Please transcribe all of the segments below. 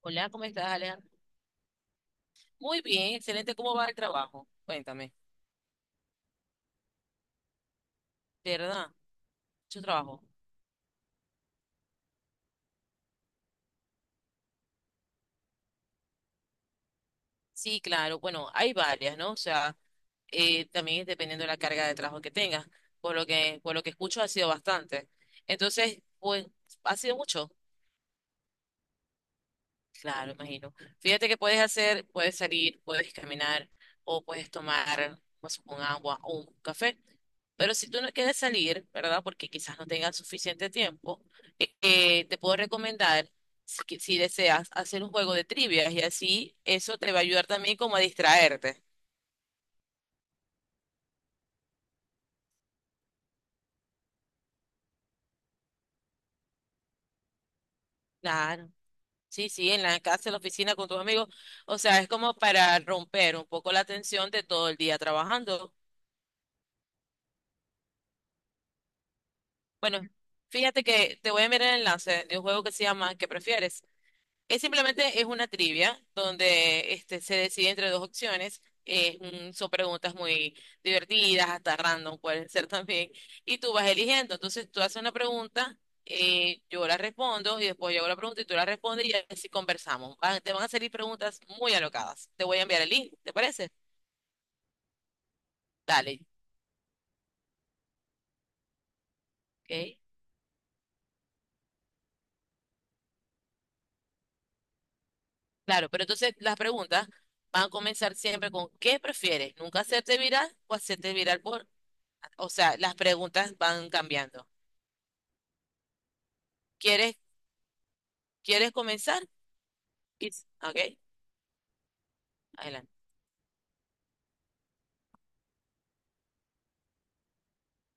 Hola, ¿cómo estás, Alejandro? Muy bien, excelente. ¿Cómo va el trabajo? Cuéntame. ¿De verdad? ¿Mucho trabajo? Sí, claro. Bueno, hay varias, ¿no? O sea, también es dependiendo de la carga de trabajo que tengas. Por lo que escucho, ha sido bastante. Entonces, pues, ha sido mucho. Claro, imagino. Fíjate que puedes hacer, puedes salir, puedes caminar o puedes tomar pues, un agua o un café. Pero si tú no quieres salir, ¿verdad? Porque quizás no tengas suficiente tiempo, te puedo recomendar, si deseas, hacer un juego de trivias y así eso te va a ayudar también como a distraerte. Claro. Sí, sí, en la casa, en la oficina con tus amigos. O sea, es como para romper un poco la tensión de todo el día trabajando. Bueno, fíjate que te voy a enviar el enlace de un juego que se llama ¿Qué prefieres? Es simplemente es una trivia donde este, se decide entre dos opciones. Son preguntas muy divertidas, hasta random pueden ser también. Y tú vas eligiendo. Entonces tú haces una pregunta, yo la respondo y después yo hago la pregunta y tú la respondes y así conversamos. Van- te van a salir preguntas muy alocadas. Te voy a enviar el link, ¿te parece? Dale. Ok. Claro, pero entonces las preguntas van a comenzar siempre con ¿qué prefieres? ¿Nunca hacerte viral o hacerte viral por? O sea, las preguntas van cambiando. ¿Quieres, quieres comenzar? Y- Ok, adelante.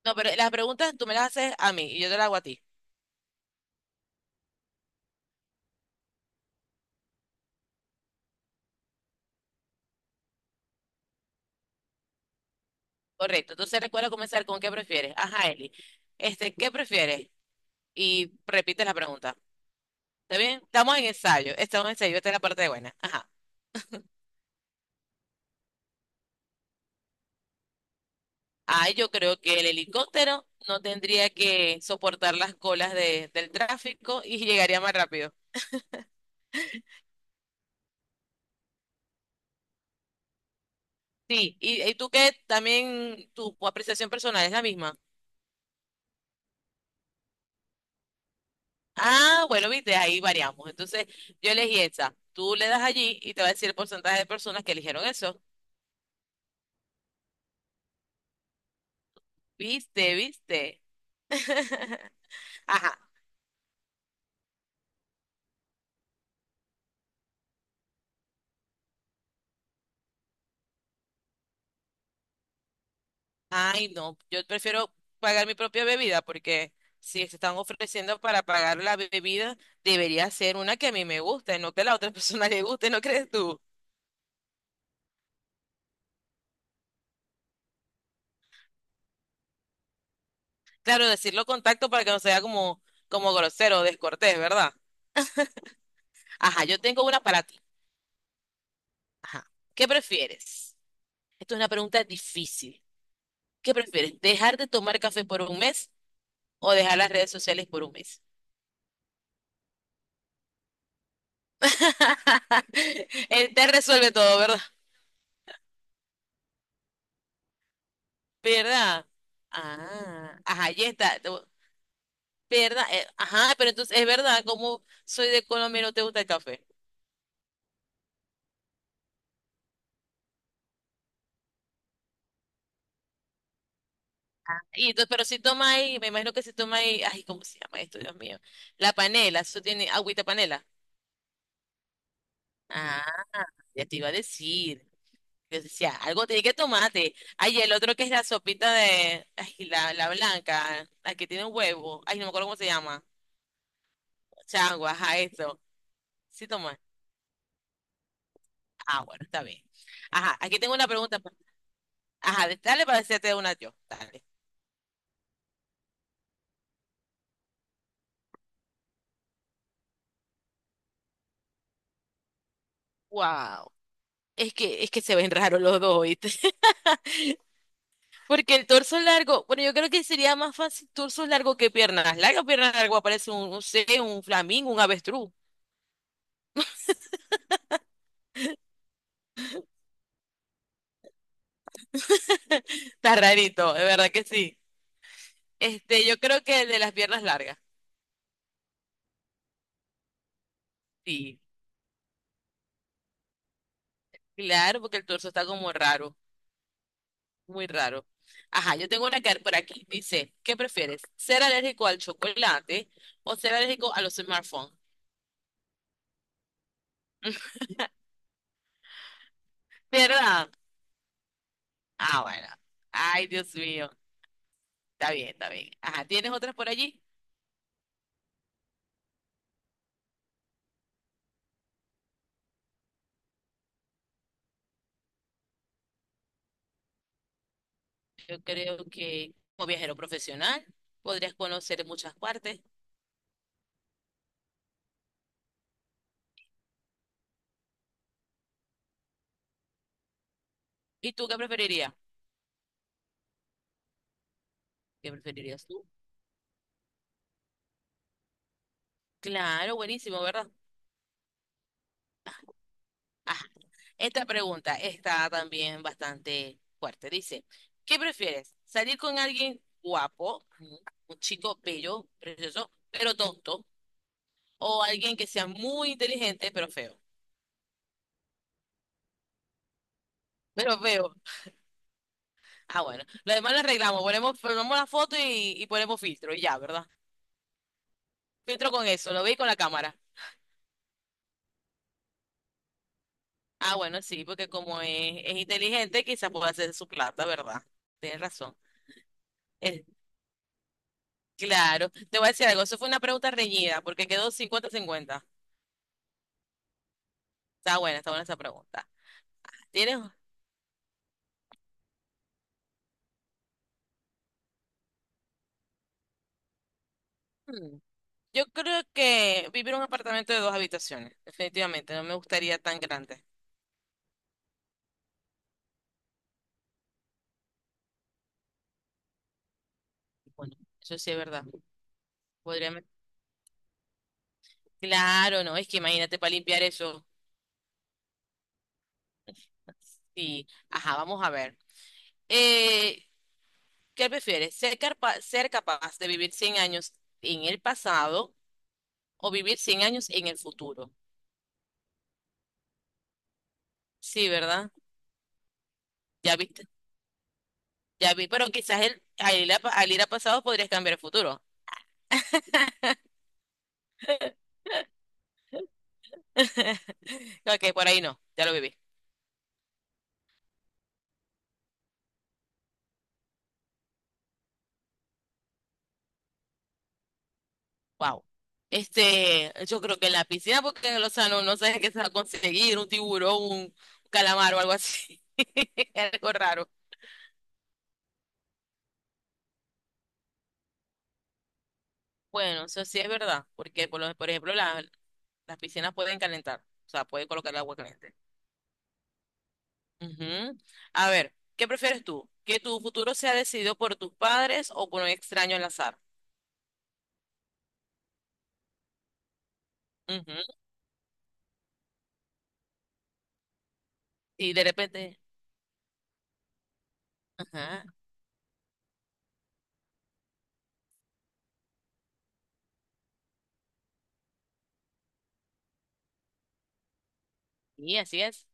No, pero las preguntas tú me las haces a mí y yo te las hago a ti. Correcto. Entonces recuerda comenzar con ¿qué prefieres? Ajá, Eli. Este, ¿qué prefieres? Y repite la pregunta. ¿Está bien? Estamos en ensayo. Estamos en ensayo. Esta es la parte buena. Ajá. Ay, yo creo que el helicóptero no tendría que soportar las colas de, del tráfico y llegaría más rápido. Sí, y tú que también tu apreciación personal es la misma. Ah, bueno, viste, ahí variamos. Entonces, yo elegí esa. Tú le das allí y te va a decir el porcentaje de personas que eligieron eso. Viste, viste. Ajá, ay, no, yo prefiero pagar mi propia bebida porque si se están ofreciendo para pagar la bebida, debería ser una que a mí me guste, no que a la otra persona le guste, ¿no crees tú? Claro, decirlo con tacto para que no sea como, como grosero o descortés, ¿verdad? Ajá, yo tengo una para ti. Ajá. ¿Qué prefieres? Esto es una pregunta difícil. ¿Qué prefieres? ¿Dejar de tomar café por un mes o dejar las redes sociales por un mes? Él te resuelve todo, ¿verdad? ¿Verdad? Ah, ajá, ya está. ¿Verdad? Ajá, pero entonces es verdad, como soy de Colombia y no te gusta el café. Y entonces, pero si toma ahí, me imagino que si toma ahí, ay, ¿cómo se llama esto, Dios mío? La panela, eso tiene agüita panela. Ah, ya te iba a decir. Yo decía, algo tiene que tomarte. Ay, el otro que es la sopita de, ay, la blanca, la que tiene un huevo. Ay, no me acuerdo cómo se llama. Changua, ajá, eso. Sí toma. Ah, bueno, está bien. Ajá, aquí tengo una pregunta. Ajá, dale para hacerte una yo. Dale. Wow. Es que se ven raros los dos, ¿oíste? Porque el torso largo, bueno, yo creo que sería más fácil torso largo que piernas largas. Piernas largas parece un, no sé, un flamingo, un avestruz. Está rarito, de verdad que sí. Este, yo creo que el de las piernas largas. Sí, claro, porque el torso está como raro, muy raro. Ajá, yo tengo una que por aquí. Dice, ¿qué prefieres? ¿Ser alérgico al chocolate o ser alérgico a los smartphones? ¿Verdad? Ah, bueno. Ay, Dios mío. Está bien, está bien. Ajá, ¿tienes otras por allí? Yo creo que como viajero profesional podrías conocer muchas partes. ¿Y tú qué preferirías? ¿Qué preferirías tú? Claro, buenísimo, ¿verdad? Ajá. Esta pregunta está también bastante fuerte. Dice, ¿qué prefieres? ¿Salir con alguien guapo, ujú, un chico bello, precioso, pero tonto? ¿O alguien que sea muy inteligente, pero feo? Pero feo. Ah, bueno. Lo demás lo arreglamos. Ponemos, ponemos la foto y ponemos filtro y ya, ¿verdad? Filtro con eso, lo veis con la cámara. Ah, bueno, sí, porque como es inteligente, quizás pueda hacer su plata, ¿verdad? Tienes razón. Eh, claro, te voy a decir algo, eso fue una pregunta reñida, porque quedó 50-50. Está buena esa pregunta. Tienes... hmm, Yo creo que vivir en un apartamento de dos habitaciones, definitivamente, no me gustaría tan grande. Bueno, eso sí es verdad. Podría... me- Claro, no, es que imagínate para limpiar eso. Sí, ajá, vamos a ver. Eh, ¿Qué prefieres? ¿Ser capaz de vivir 100 años en el pasado o vivir 100 años en el futuro? Sí, ¿verdad? Ya viste, ya vi, pero quizás el, al ir a pasado podrías cambiar el futuro. Ok, por ahí no, ya lo viví. Wow. Este, yo creo que en la piscina, porque en el océano no sabes qué se va a conseguir, un tiburón, un calamar o algo así. Algo raro. Bueno, eso sí es verdad, porque por ejemplo las piscinas pueden calentar, o sea, pueden colocar el agua caliente. Ujú. A ver, ¿qué prefieres tú? ¿Que tu futuro sea decidido por tus padres o por un extraño al azar? Ujú. Y de repente, ajá, y así es.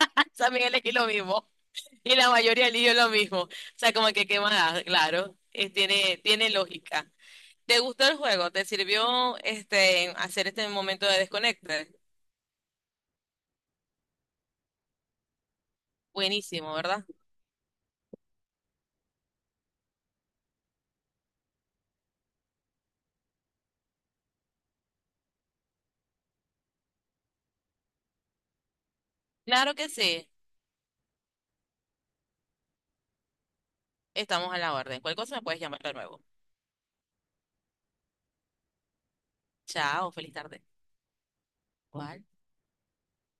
También elegí lo mismo. Y la mayoría eligió lo mismo. O sea, como que qué más, claro. Tiene lógica. ¿Te gustó el juego? ¿Te sirvió este hacer este momento de desconecte? Buenísimo, ¿verdad? Claro que sí. Estamos a la orden. Cualquier cosa me puedes llamar de nuevo. Chao, feliz tarde. Cuál